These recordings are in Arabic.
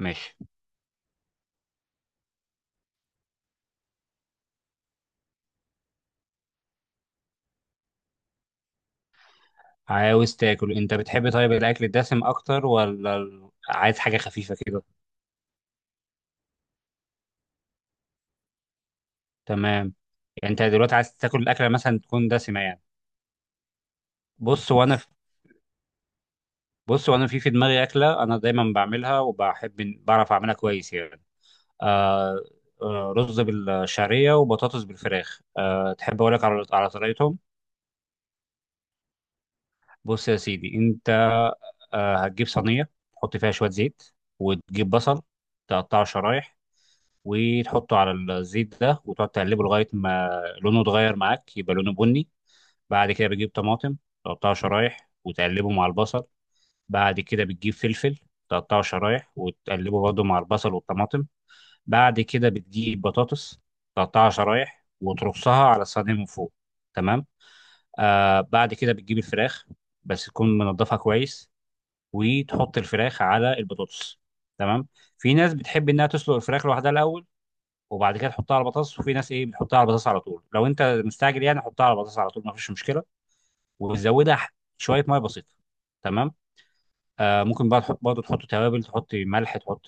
ماشي. عاوز تاكل، انت بتحب طيب الاكل الدسم اكتر ولا عايز حاجه خفيفه كده؟ تمام. يعني انت دلوقتي عايز تاكل الاكله مثلا تكون دسمه، يعني؟ بص وانا في بص وانا في دماغي اكله انا دايما بعملها وبحب بعرف اعملها كويس، يعني. آه رز بالشعريه وبطاطس بالفراخ. تحب اقول لك على طريقتهم؟ بص يا سيدي. انت هتجيب صينيه تحط فيها شويه زيت، وتجيب بصل، تقطعه شرايح وتحطه على الزيت ده وتقعد تقلبه لغايه ما لونه اتغير معاك، يبقى لونه بني. بعد كده بتجيب طماطم، تقطعها شرايح وتقلبه مع البصل. بعد كده بتجيب فلفل، تقطعه شرايح وتقلبه برضه مع البصل والطماطم. بعد كده بتجيب بطاطس، تقطعها شرايح وترصها على الصينيه من فوق. تمام. بعد كده بتجيب الفراخ، بس تكون منضفها كويس وتحط الفراخ على البطاطس. تمام. في ناس بتحب انها تسلق الفراخ لوحدها الاول، وبعد كده تحطها على البطاطس، وفي ناس ايه بتحطها على البطاطس على طول. لو انت مستعجل يعني حطها على البطاطس على طول، ما فيش مشكله. وتزودها شويه ميه بسيطه. تمام. ممكن بقى تحط برضه، تحط توابل، تحط ملح، تحط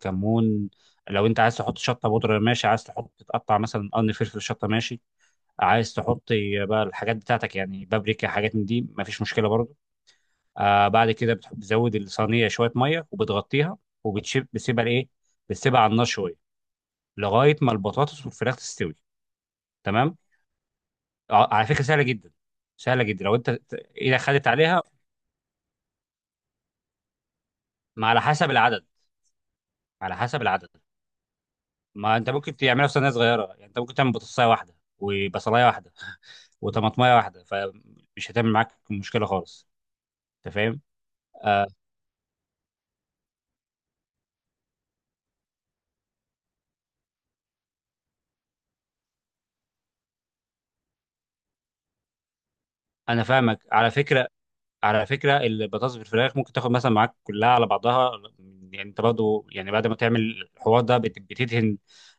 كمون. لو انت عايز تحط شطه بودره، ماشي. عايز تحط، تقطع مثلا قرن فلفل شطه، ماشي. عايز تحط بقى الحاجات بتاعتك يعني، بابريكا، حاجات من دي، ما فيش مشكله برضه. بعد كده بتزود الصينيه شويه ميه وبتغطيها. وبتسيبها لايه؟ بتسيبها على النار شويه، لغايه ما البطاطس والفراخ تستوي. تمام. على فكره سهله جدا، سهله جدا، لو انت ايدك خدت عليها. ما على حسب العدد، على حسب العدد. ما انت ممكن تعملها في صينيه صغيره. يعني انت ممكن تعمل بطاطسايه واحده وبصلايه واحده وطماطمايه واحده، فمش هتعمل معاك مشكله خالص. انت فاهم؟ آه انا فاهمك، على فكره. على فكره، البطاطس بالفراخ ممكن تاخد مثلا معاك كلها على بعضها. يعني انت برضه، يعني، بعد ما تعمل الحوار ده بتدهن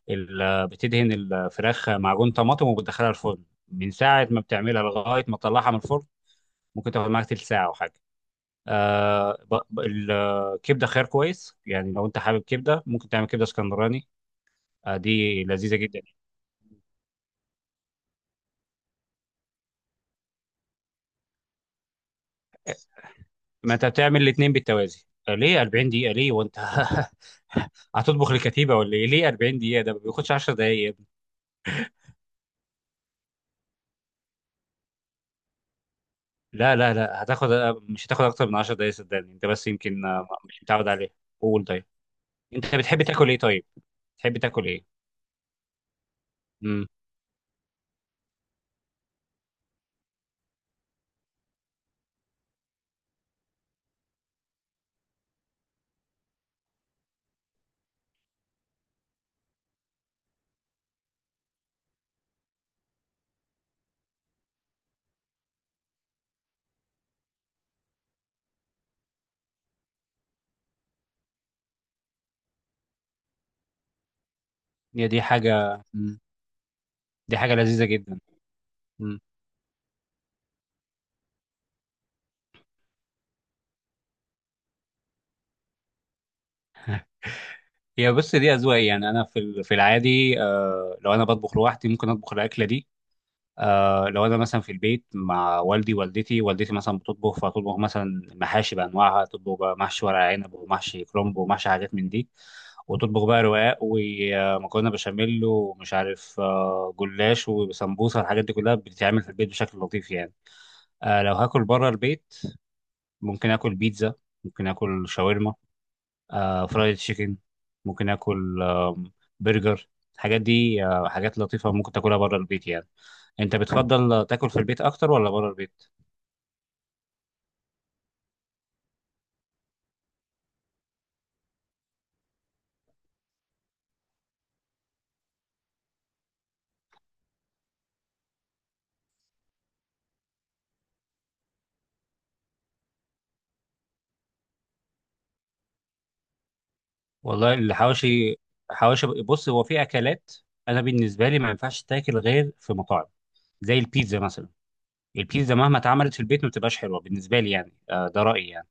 بتدهن الفراخ معجون طماطم وبتدخلها الفرن من ساعه ما بتعملها لغايه ما تطلعها من الفرن. ممكن تاخد معاك تلت ساعة أو حاجة. الكبدة خيار كويس، يعني لو أنت حابب كبدة ممكن تعمل كبدة اسكندراني. دي لذيذة جدا. ما أنت بتعمل الاتنين بالتوازي. ليه 40 دقيقة؟ ليه وأنت هتطبخ لكتيبة ولا إيه؟ ليه 40 دقيقة؟ ده ما بياخدش 10 دقايق يا ابني. لا، لا، لا. مش هتاخد أكتر من 10 دقايق، صدقني. أنت بس يمكن مش متعود عليه. قول طيب. أنت بتحب تاكل إيه طيب؟ بتحب تاكل إيه؟ امم هي دي حاجة. مم. دي حاجة لذيذة جدا. هي بس دي أذواق، يعني أنا في في العادي، لو أنا بطبخ لوحدي ممكن أطبخ الأكلة دي. لو أنا مثلا في البيت مع والدي والدتي، والدتي مثلا بتطبخ، فتطبخ مثلا محاشي بأنواعها، تطبخ بقى محشي ورق عنب ومحشي كرنب ومحشي حاجات من دي. وتطبخ بقى رقاق ومكرونة بشاميل ومش عارف، جلاش وسمبوسة، الحاجات دي كلها بتتعمل في البيت بشكل لطيف يعني. لو هاكل بره البيت، ممكن آكل بيتزا، ممكن آكل شاورما، فرايد تشيكن، ممكن اكل برجر. الحاجات دي حاجات لطيفه ممكن تاكلها بره البيت يعني. انت بتفضل تاكل في البيت اكتر ولا بره البيت؟ والله، الحواشي، حواشي، بص هو في اكلات. انا بالنسبه لي ما ينفعش تاكل غير في مطاعم، زي البيتزا مثلا. البيتزا مهما اتعملت في البيت ما بتبقاش حلوه بالنسبه لي، يعني ده رايي يعني.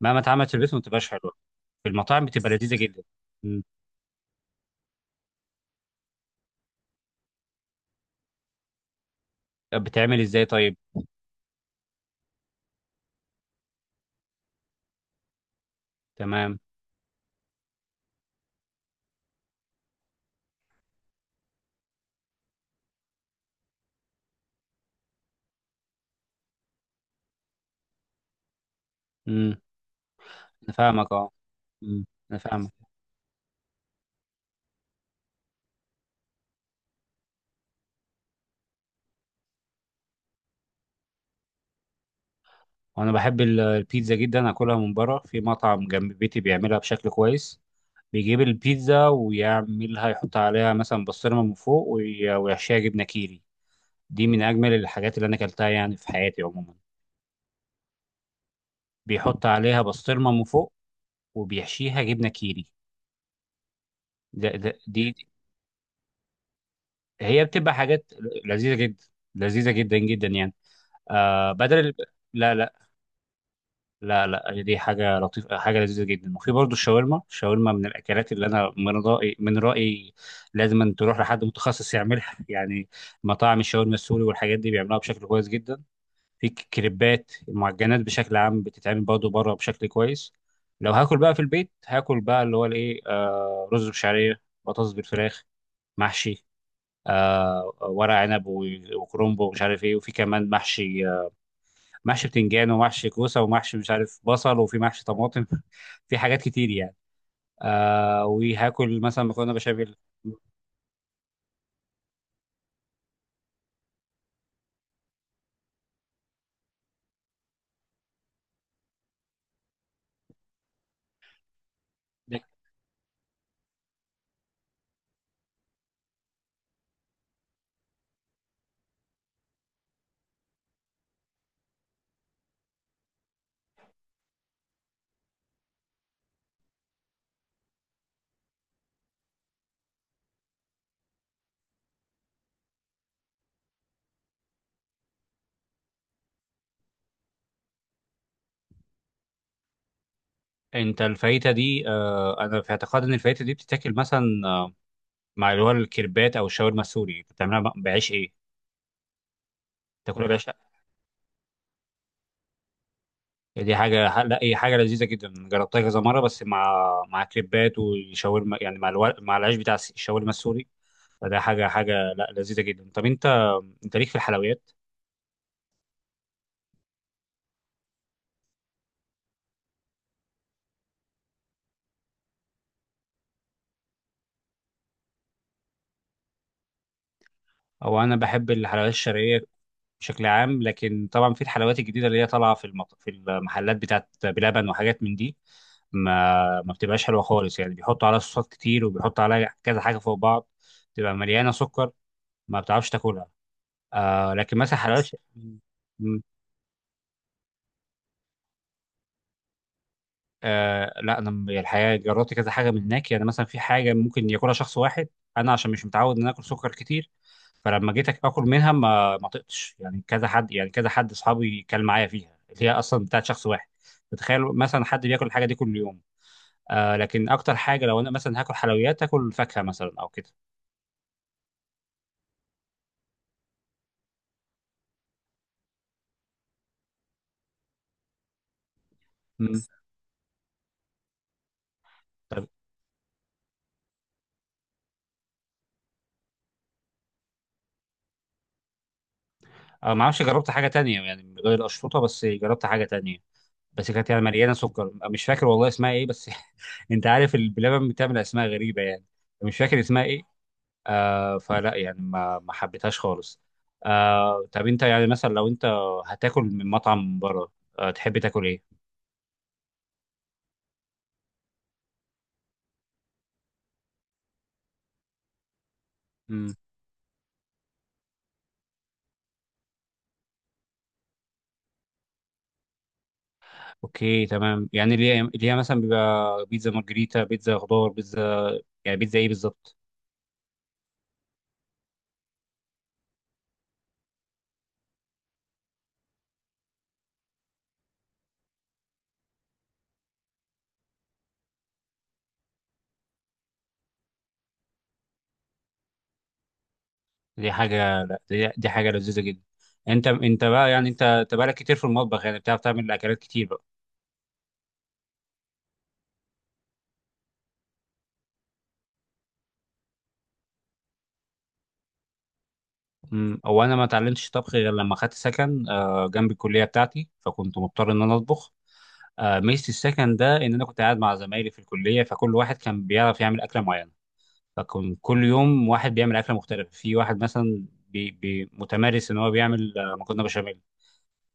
مهما اتعملت في البيت ما بتبقاش حلوه، في المطاعم بتبقى لذيذه جدا. مم. بتعمل ازاي طيب؟ تمام. مم. انا فاهمك، اه. مم. انا فاهمك. وانا بحب البيتزا جدا، اكلها من بره في مطعم جنب بيتي بيعملها بشكل كويس. بيجيب البيتزا ويعملها، يحط عليها مثلا بسطرمه من فوق ويحشيها جبنه كيري. دي من اجمل الحاجات اللي انا اكلتها يعني في حياتي عموما. بيحط عليها بسطرمه من فوق، وبيحشيها جبنه كيري. ده ده دي هي بتبقى حاجات لذيذه جدا، لذيذه جدا جدا، يعني. آه بدل ال- لا، لا، لا، لا، دي حاجة لطيفة، حاجة لذيذة جدا. وفي برضه الشاورما. الشاورما من الأكلات اللي أنا من رأيي، من رأيي لازم أن تروح لحد متخصص يعملها يعني. مطاعم الشاورما السوري والحاجات دي بيعملوها بشكل كويس جدا. في كريبات، المعجنات بشكل عام بتتعمل برضه بره بشكل كويس. لو هاكل بقى في البيت، هاكل بقى اللي هو الإيه، رز بشعرية، بطاطس بالفراخ، محشي، ورق عنب وكرنب ومش عارف إيه، وفي كمان محشي، محشي بتنجان، ومحشي كوسه، ومحشي مش عارف بصل، وفي محشي طماطم في حاجات كتير يعني. وهاكل مثلا مكرونه بشاميل. انت الفايته دي، انا في اعتقاد ان الفايته دي بتتاكل مثلا، مع اللي هو الكريبات او الشاورما السوري. انت بتعملها بعيش ايه؟ تاكلها بعيش إيه؟ دي حاجه، لا هي حاجه لذيذه جدا، جربتها كذا مره بس مع كريبات وشاورما، يعني مع العيش بتاع الشاورما السوري. فده حاجه، لا، لذيذه جدا. طب انت ليك في الحلويات؟ او انا بحب الحلويات الشرقيه بشكل عام، لكن طبعا في الحلويات الجديده اللي هي طالعه في في المحلات بتاعت بلبن وحاجات من دي. ما بتبقاش حلوه خالص يعني، بيحطوا عليها صوصات كتير، وبيحطوا عليها كذا حاجه فوق بعض. تبقى مليانه سكر، ما بتعرفش تاكلها. لكن مثلا حلويات، لا انا الحقيقه جربت كذا حاجه من هناك، يعني مثلا في حاجه ممكن ياكلها شخص واحد. انا عشان مش متعود ان أنا اكل سكر كتير. فلما جيت اكل منها ما طقتش، يعني كذا حد، يعني كذا حد اصحابي كان معايا فيها اللي هي اصلا بتاعت شخص واحد. تتخيل مثلا حد بياكل الحاجه دي كل يوم؟ لكن اكتر حاجه لو انا مثلا هاكل حلويات، هاكل فاكهه مثلا او كده. مم. طب، ما اعرفش، جربت حاجه تانية يعني غير القشطوطه، بس جربت حاجه تانية. بس كانت يعني مليانه سكر، مش فاكر والله اسمها ايه بس انت عارف البلبن بتعمل اسماء غريبه يعني. مش فاكر اسمها ايه. فلا يعني ما حبيتهاش خالص. طب انت يعني مثلا، لو انت هتاكل من مطعم من بره، تحب تاكل ايه؟ مم. اوكي، تمام، يعني اللي هي مثلا بيبقى بيتزا مارجريتا، بيتزا خضار، بيتزا، يعني بيتزا ايه بالظبط؟ دي حاجه، لا، دي حاجه لذيذه جدا. انت بقى يعني انت بقالك كتير في المطبخ، يعني بتعرف تعمل اكلات كتير بقى. مم. هو انا ما اتعلمتش طبخ غير لما خدت سكن، جنب الكليه بتاعتي، فكنت مضطر ان انا اطبخ. ميزه السكن ده ان انا كنت قاعد مع زمايلي في الكليه، فكل واحد كان بيعرف يعمل اكله معينه. فكان كل يوم واحد بيعمل اكله مختلفه. في واحد مثلا بي بي متمارس ان هو بيعمل مكرونه بشاميل.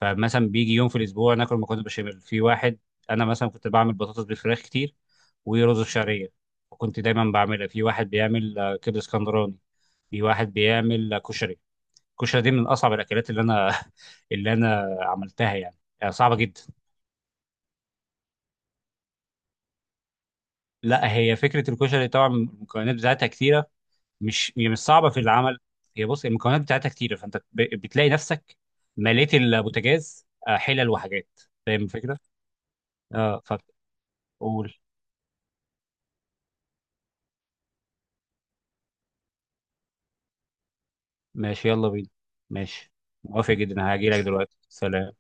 فمثلا بيجي يوم في الاسبوع ناكل مكرونه بشاميل. في واحد، انا مثلا كنت بعمل بطاطس بالفراخ كتير ورز بشعريه، وكنت دايما بعملها. في واحد بيعمل كبده اسكندراني. في واحد بيعمل كشري. الكشري دي من اصعب الاكلات اللي انا اللي انا عملتها يعني. صعبه جدا. لا، هي فكره الكشري طبعا المكونات بتاعتها كتيره، مش هي مش صعبه في العمل. هي بص، المكونات بتاعتها كتيره، فانت بتلاقي نفسك مليت البوتاجاز حلل وحاجات. فاهم الفكره؟ اه، فقول. ماشي، يلا بينا. ماشي، موافق جدا هاجي لك دلوقتي، سلام.